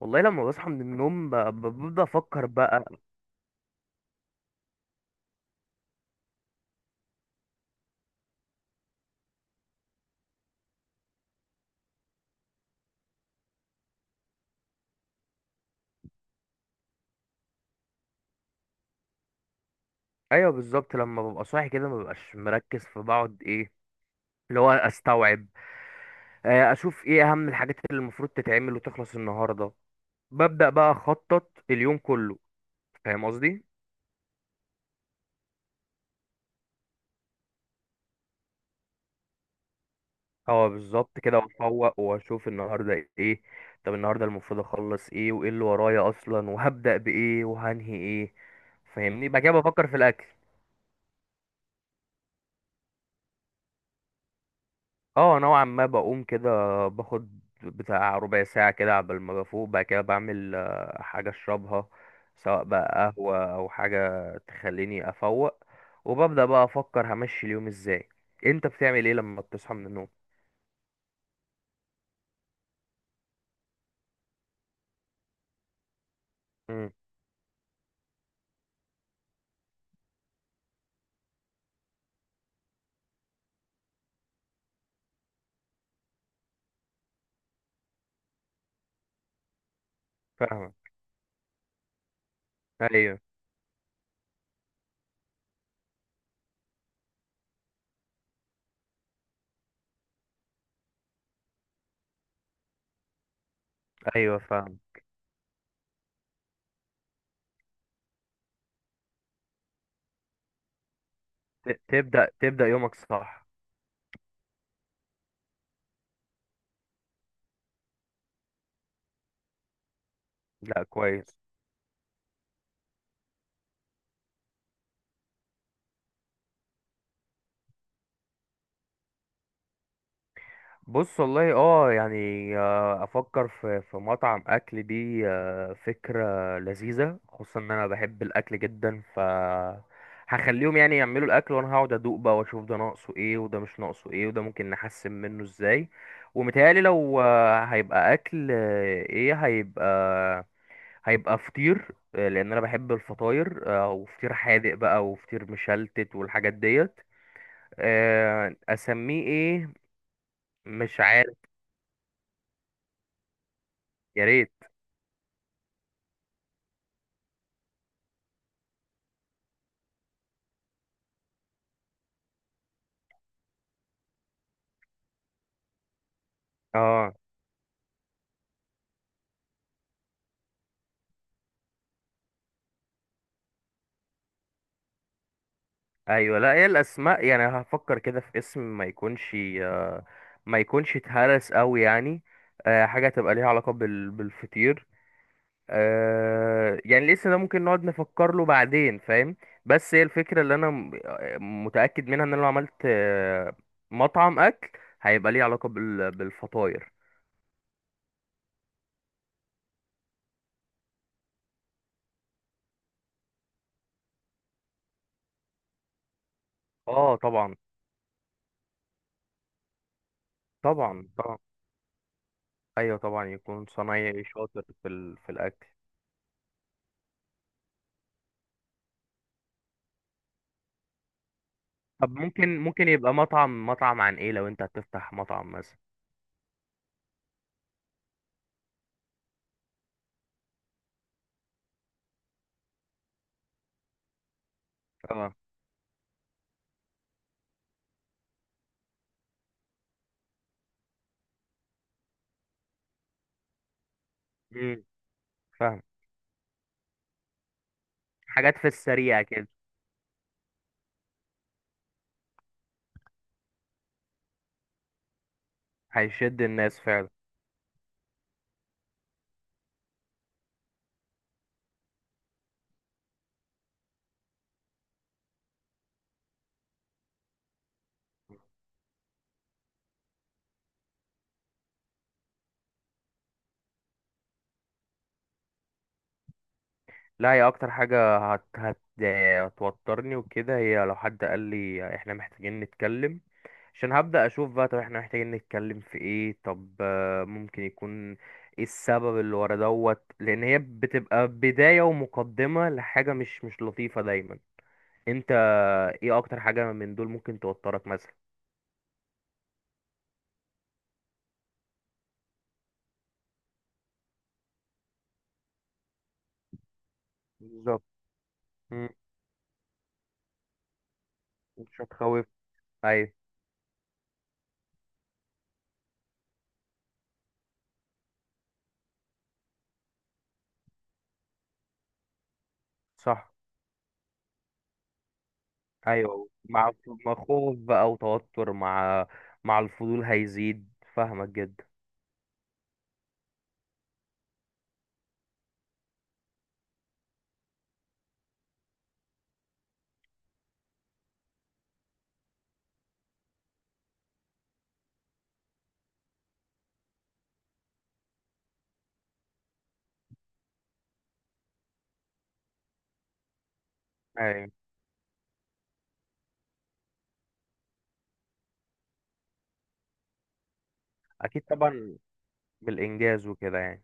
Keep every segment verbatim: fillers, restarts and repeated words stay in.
والله لما بصحى من النوم ب- ب- ببدأ أفكر بقى. أيوه بالظبط، لما ببقى صاحي كده مببقاش مركز، فبقعد إيه اللي هو أستوعب. آه، أشوف إيه أهم الحاجات اللي المفروض تتعمل وتخلص النهاردة. ببدأ بقى أخطط اليوم كله. فاهم قصدي؟ اه بالظبط كده، وأفوق وأشوف النهاردة إيه. طب النهاردة المفروض أخلص إيه، وإيه اللي ورايا أصلا، وهبدأ بإيه وهنهي إيه. فاهمني؟ بعد كده بفكر في الأكل. اه نوعا ما بقوم كده، باخد بتاع ربع ساعة كده عبال ما بفوق، بعد كده بعمل آه، حاجة اشربها سواء بقى قهوة او حاجة تخليني افوق. وببدأ بقى افكر همشي اليوم ازاي. انت بتعمل ايه لما بتصحى من النوم؟ امم. فاهمك. ايوه. ايوه فاهم. ت- تبدأ تبدأ يومك، صح. لا كويس. بص والله اه، يعني آه، افكر في في مطعم اكل، دي آه، فكره لذيذه، خصوصا ان انا بحب الاكل جدا. ف هخليهم يعني يعملوا الاكل وانا هقعد ادوق بقى، واشوف ده ناقصه ايه وده مش ناقصه ايه وده ممكن نحسن منه ازاي. ومتهيألي لو آه، هيبقى اكل، آه، ايه هيبقى، هيبقى فطير. آه، لان انا بحب الفطاير، آه، وفطير حادق بقى وفطير مشلتت والحاجات ديت. آه، اسميه ايه؟ مش عارف. يا ريت. اه. ايوه لا، هي الاسماء يعني هفكر كده في اسم ما يكونش، آه، ما يكونش اتهرس قوي يعني. آه، حاجه تبقى ليها علاقه بال- بالفطير. آه، يعني الاسم ده ممكن نقعد نفكر له بعدين، فاهم. بس هي الفكره اللي انا م- متاكد منها ان انا لو عملت آه، مطعم اكل، هيبقى ليه علاقه بال- بالفطاير. اه طبعا. طبعا طبعا. ايوه طبعا، يكون صنايعي شاطر في ال- في الاكل. طب ممكن، ممكن يبقى مطعم، مطعم عن ايه لو انت هتفتح مطعم مثلا. اه. امم. فاهم. حاجات في السريع كده. هيشد الناس فعلا. لا هي اكتر حاجة هت هت هتوترني وكده، هي لو حد قال لي احنا محتاجين نتكلم. عشان هبدأ اشوف بقى، طب احنا محتاجين نتكلم في ايه، طب آه، ممكن يكون ايه السبب اللي ورا دوت، لان هي بتبقى بداية ومقدمة لحاجة مش مش لطيفة دايما. انت ايه اكتر حاجة من دول ممكن توترك مثلا؟ بالظبط. مش هتخوف. ايوه صح. ايوه، مع مع خوف بقى وتوتر، مع مع الفضول هيزيد. فاهمك جدا. ايوه اكيد طبعا، بالانجاز وكده يعني.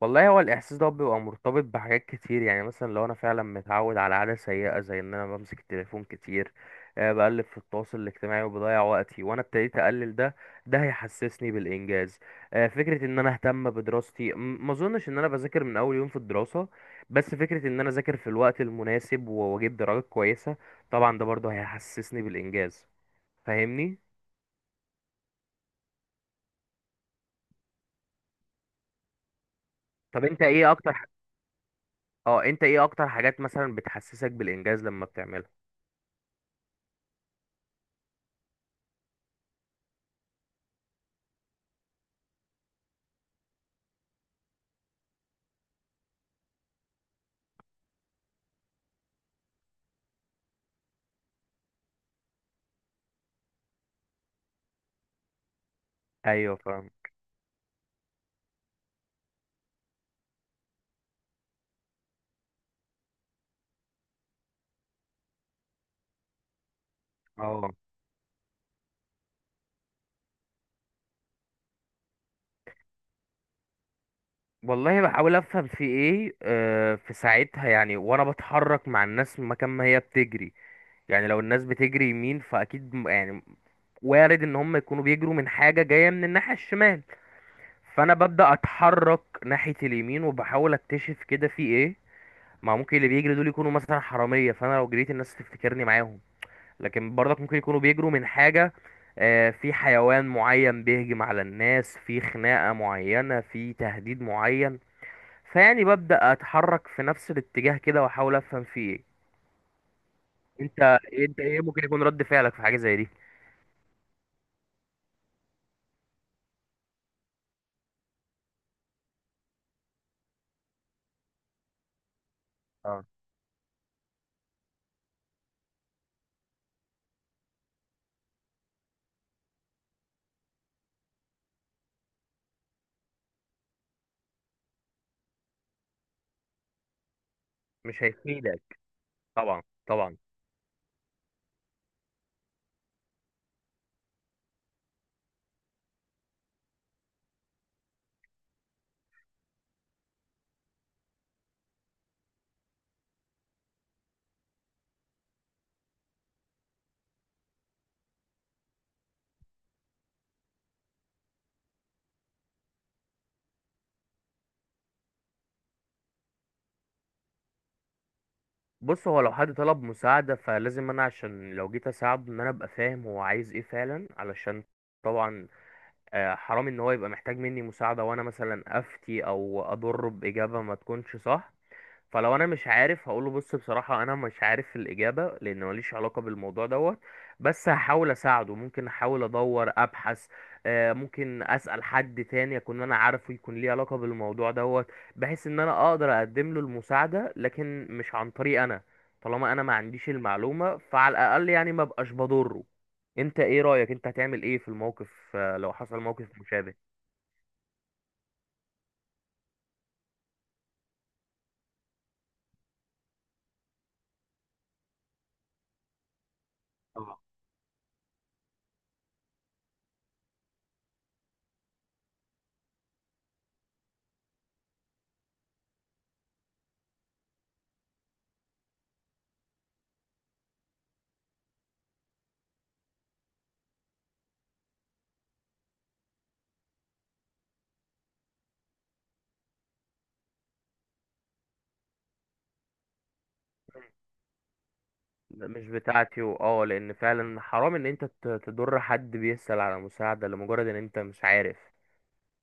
والله هو الاحساس ده بيبقى مرتبط بحاجات كتير. يعني مثلا لو انا فعلا متعود على عاده سيئه زي ان انا بمسك التليفون كتير، آه، بقلب في التواصل الاجتماعي وبضيع وقتي، وانا ابتديت اقلل ده، ده هيحسسني بالانجاز. آه، فكره ان انا اهتم بدراستي، م- ما اظنش ان انا بذاكر من اول يوم في الدراسه، بس فكره ان انا اذاكر في الوقت المناسب و- واجيب درجات كويسه، طبعا ده برضه هيحسسني بالانجاز. فاهمني؟ طب انت ايه اكتر ح- اه انت ايه اكتر حاجات مثلا بتحسسك بالانجاز لما بتعملها؟ ايوه فاهم. اه والله بحاول افهم في ايه آه، في ساعتها، يعني وانا بتحرك مع الناس مكان ما هي بتجري. يعني لو الناس بتجري يمين، فاكيد م- يعني وارد ان هم يكونوا بيجروا من حاجة جاية من الناحية الشمال. فانا ببدأ اتحرك ناحية اليمين، وبحاول اكتشف كده في ايه. ما ممكن اللي بيجري دول يكونوا مثلا حرامية، فانا لو جريت الناس تفتكرني معاهم. لكن برضك ممكن يكونوا بيجروا من حاجة، آه، في حيوان معين بيهجم على الناس، في خناقة معينة، في تهديد معين. فيعني ببدأ أتحرك في نفس الاتجاه كده وأحاول أفهم فيه إيه. أنت أنت إيه ممكن يكون رد فعلك في حاجة زي دي؟ اه. مش هيفيدك. طبعا طبعا. بص هو لو حد طلب مساعدة، فلازم أنا عشان لو جيت أساعده إن أنا أبقى فاهم هو عايز إيه فعلا، علشان طبعا آه، حرام إن هو يبقى محتاج مني مساعدة وأنا مثلا أفتي أو أضره بإجابة ما تكونش صح. فلو انا مش عارف هقوله بص بصراحة انا مش عارف الاجابة، لان ماليش علاقة بالموضوع دوت. بس هحاول اساعده، ممكن احاول ادور ابحث، آه، ممكن اسأل حد تاني اكون انا عارفه يكون ليه علاقة بالموضوع دوت، بحيث ان انا اقدر اقدم له المساعدة، لكن مش عن طريق انا. طالما انا ما عنديش المعلومة، فعلى الاقل يعني ما بقاش بضره. انت ايه رأيك، انت هتعمل ايه في الموقف آه، لو حصل موقف مشابه؟ مش بتاعتي، واه لان فعلا حرام ان انت ت- تضر حد بيسأل على مساعدة لمجرد ان انت مش عارف.